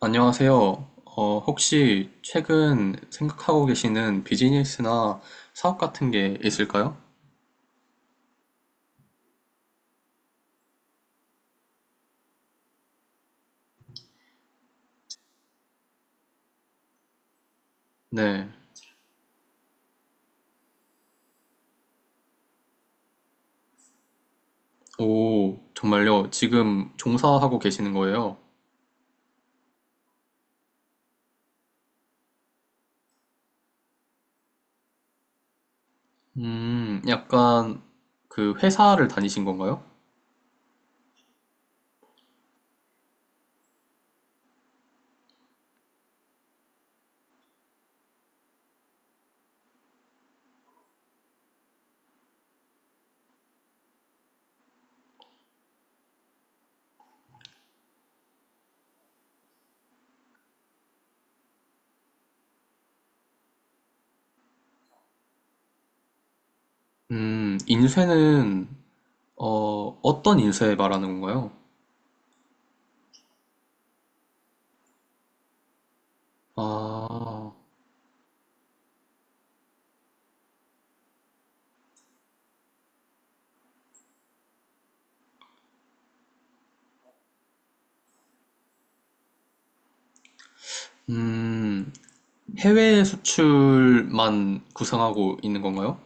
안녕하세요. 혹시 최근 생각하고 계시는 비즈니스나 사업 같은 게 있을까요? 네. 오, 정말요? 지금 종사하고 계시는 거예요? 약간 그 회사를 다니신 건가요? 인쇄는 어, 어떤 인쇄 말하는 건가요? 아, 음, 해외 수출만 구상하고 있는 건가요?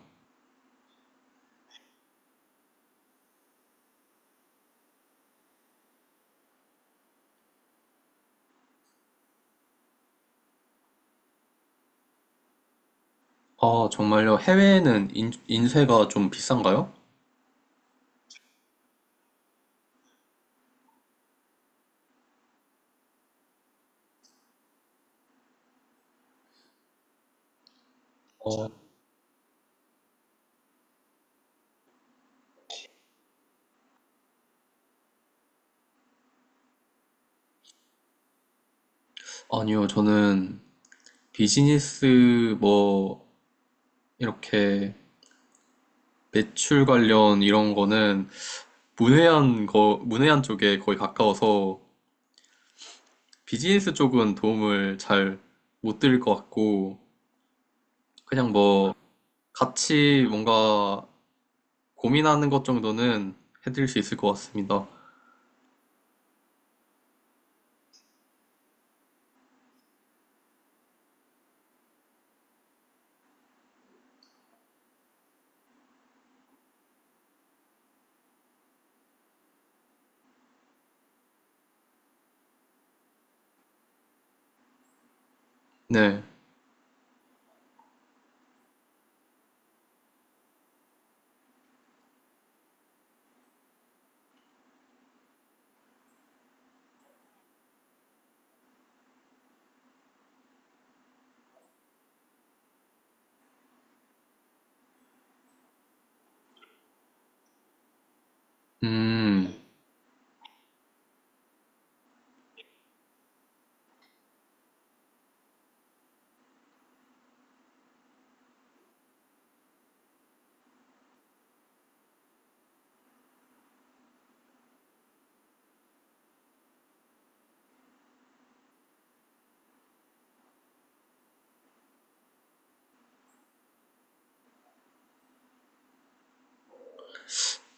아, 정말요? 해외에는 인쇄가 좀 비싼가요? 어, 아니요, 저는 비즈니스 뭐 이렇게 매출 관련 이런 거는 문외한 쪽에 거의 가까워서 비즈니스 쪽은 도움을 잘 못 드릴 것 같고 그냥 뭐 같이 뭔가 고민하는 것 정도는 해드릴 수 있을 것 같습니다. 네, 음,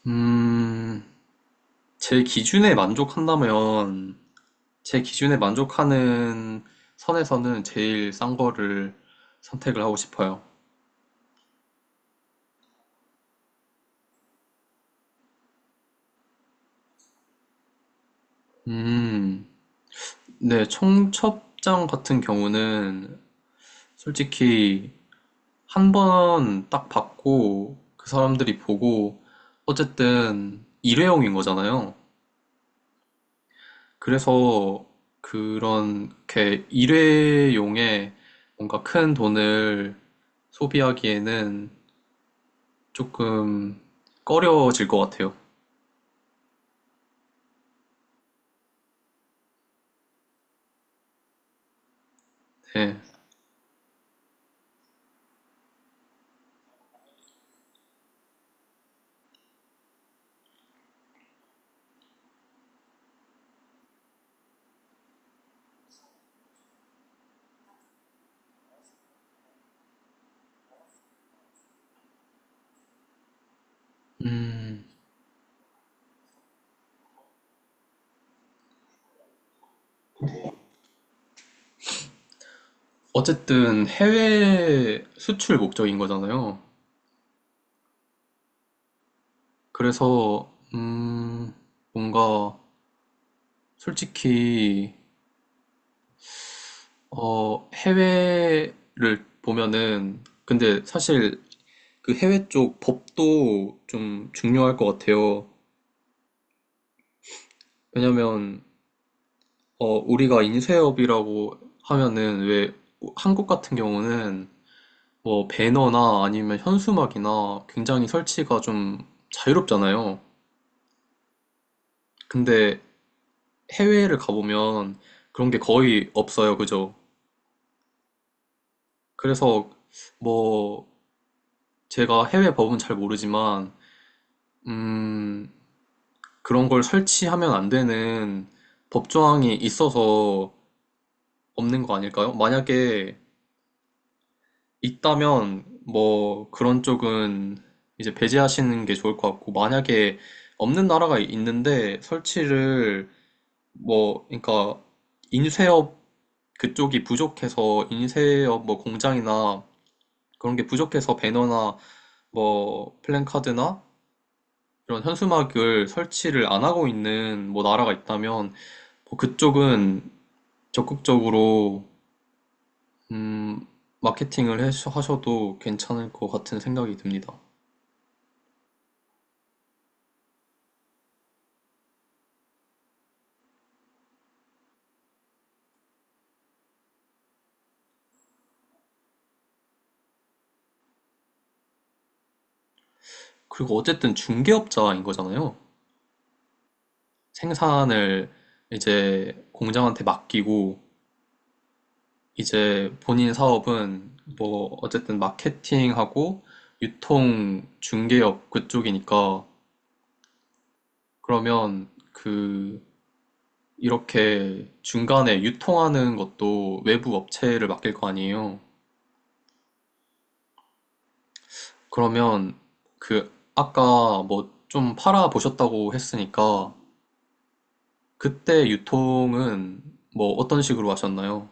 음, 제 기준에 만족한다면 제 기준에 만족하는 선에서는 제일 싼 거를 선택을 하고 싶어요. 음, 네, 청첩장 같은 경우는 솔직히 한 번 딱 받고 그 사람들이 보고 어쨌든 일회용인 거잖아요. 그래서 그런 게 일회용에 뭔가 큰 돈을 소비하기에는 조금 꺼려질 것 같아요. 네. 음. 어쨌든 해외 수출 목적인 거잖아요. 그래서 뭔가 솔직히 해외를 보면은 근데 사실 그 해외 쪽 법도 좀 중요할 것 같아요. 왜냐면 우리가 인쇄업이라고 하면은 왜 한국 같은 경우는 뭐 배너나 아니면 현수막이나 굉장히 설치가 좀 자유롭잖아요. 근데 해외를 가보면 그런 게 거의 없어요. 그죠? 그래서 뭐 제가 해외 법은 잘 모르지만 음, 그런 걸 설치하면 안 되는 법조항이 있어서 없는 거 아닐까요? 만약에 있다면 뭐 그런 쪽은 이제 배제하시는 게 좋을 것 같고, 만약에 없는 나라가 있는데 설치를 뭐 그러니까 인쇄업 그쪽이 부족해서 인쇄업 뭐 공장이나 그런 게 부족해서 배너나 뭐 플랜카드나 이런 현수막을 설치를 안 하고 있는 뭐 나라가 있다면 뭐 그쪽은 적극적으로 음, 마케팅을 해서- 하셔도 괜찮을 것 같은 생각이 듭니다. 그리고 어쨌든 중개업자인 거잖아요. 생산을 이제 공장한테 맡기고 이제 본인 사업은 뭐 어쨌든 마케팅하고 유통 중개업 그쪽이니까 그러면 그 이렇게 중간에 유통하는 것도 외부 업체를 맡길 거 아니에요. 그러면 그 아까 뭐 좀 팔아 보셨다고 했으니까 그때 유통은 뭐 어떤 식으로 하셨나요?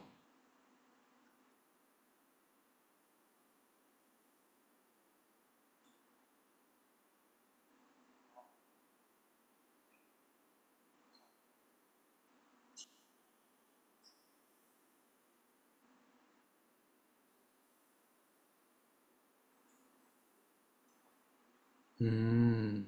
음,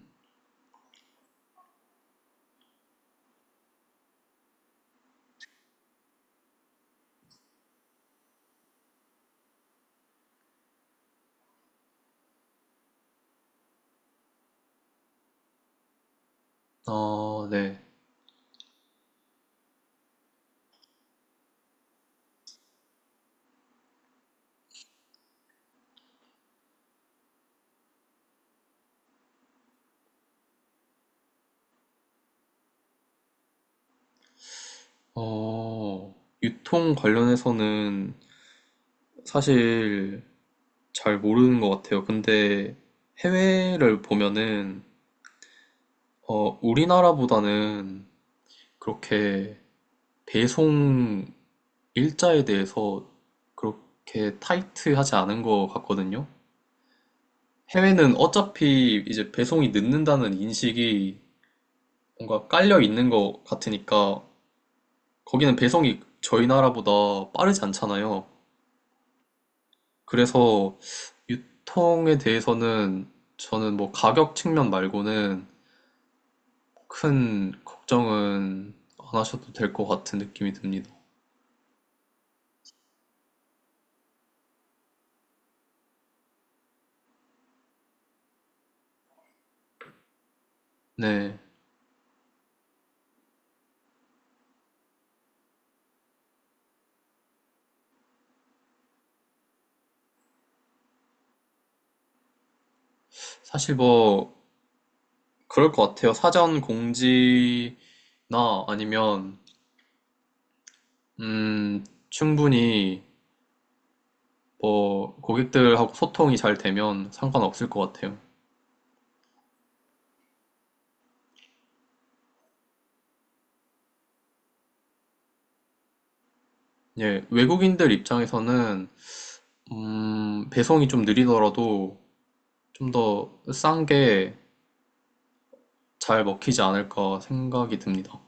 아, 네. 어, 유통 관련해서는 사실 잘 모르는 것 같아요. 근데 해외를 보면은 우리나라보다는 그렇게 배송 일자에 대해서 그렇게 타이트하지 않은 것 같거든요. 해외는 어차피 이제 배송이 늦는다는 인식이 뭔가 깔려 있는 것 같으니까 거기는 배송이 저희 나라보다 빠르지 않잖아요. 그래서 유통에 대해서는 저는 뭐 가격 측면 말고는 큰 걱정은 안 하셔도 될 것 같은 느낌이 듭니다. 네. 사실 뭐 그럴 것 같아요. 사전 공지나 아니면 음, 충분히 뭐 고객들하고 소통이 잘 되면 상관없을 것 같아요. 예, 외국인들 입장에서는 배송이 좀 느리더라도 좀 더 싼 게 잘 먹히지 않을까 생각이 듭니다.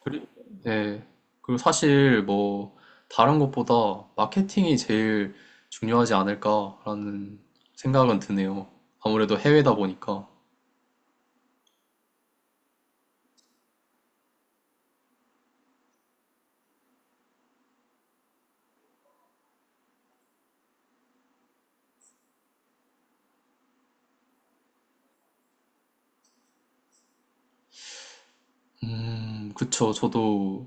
그리고, 예, 그리고 사실 뭐 다른 것보다 마케팅이 제일 중요하지 않을까라는 생각은 드네요. 아무래도 해외다 보니까. 그쵸. 저도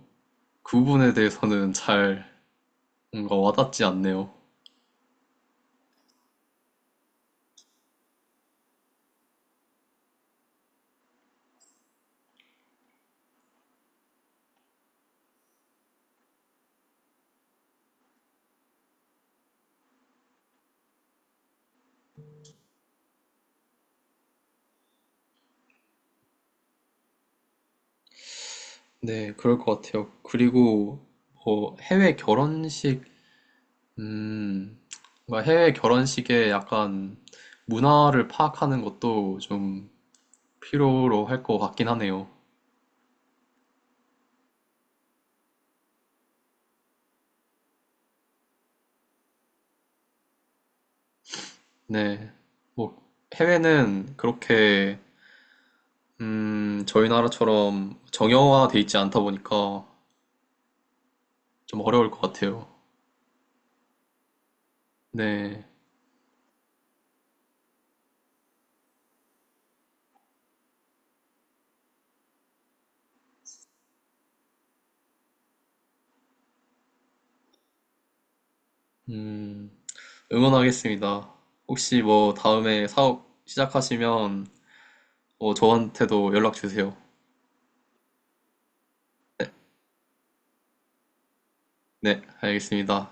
그 부분에 대해서는 잘 뭔가 와닿지 않네요. 네, 그럴 것 같아요. 그리고 해외 결혼식, 음, 뭔가 해외 결혼식의 약간 문화를 파악하는 것도 좀 필요로 할 것 같긴 하네요. 네, 뭐 해외는 그렇게 저희 나라처럼 정형화돼 있지 않다 보니까 좀 어려울 것 같아요. 네, 음, 응원하겠습니다. 혹시 뭐 다음에 사업 시작하시면 저한테도 연락 주세요. 네, 알겠습니다.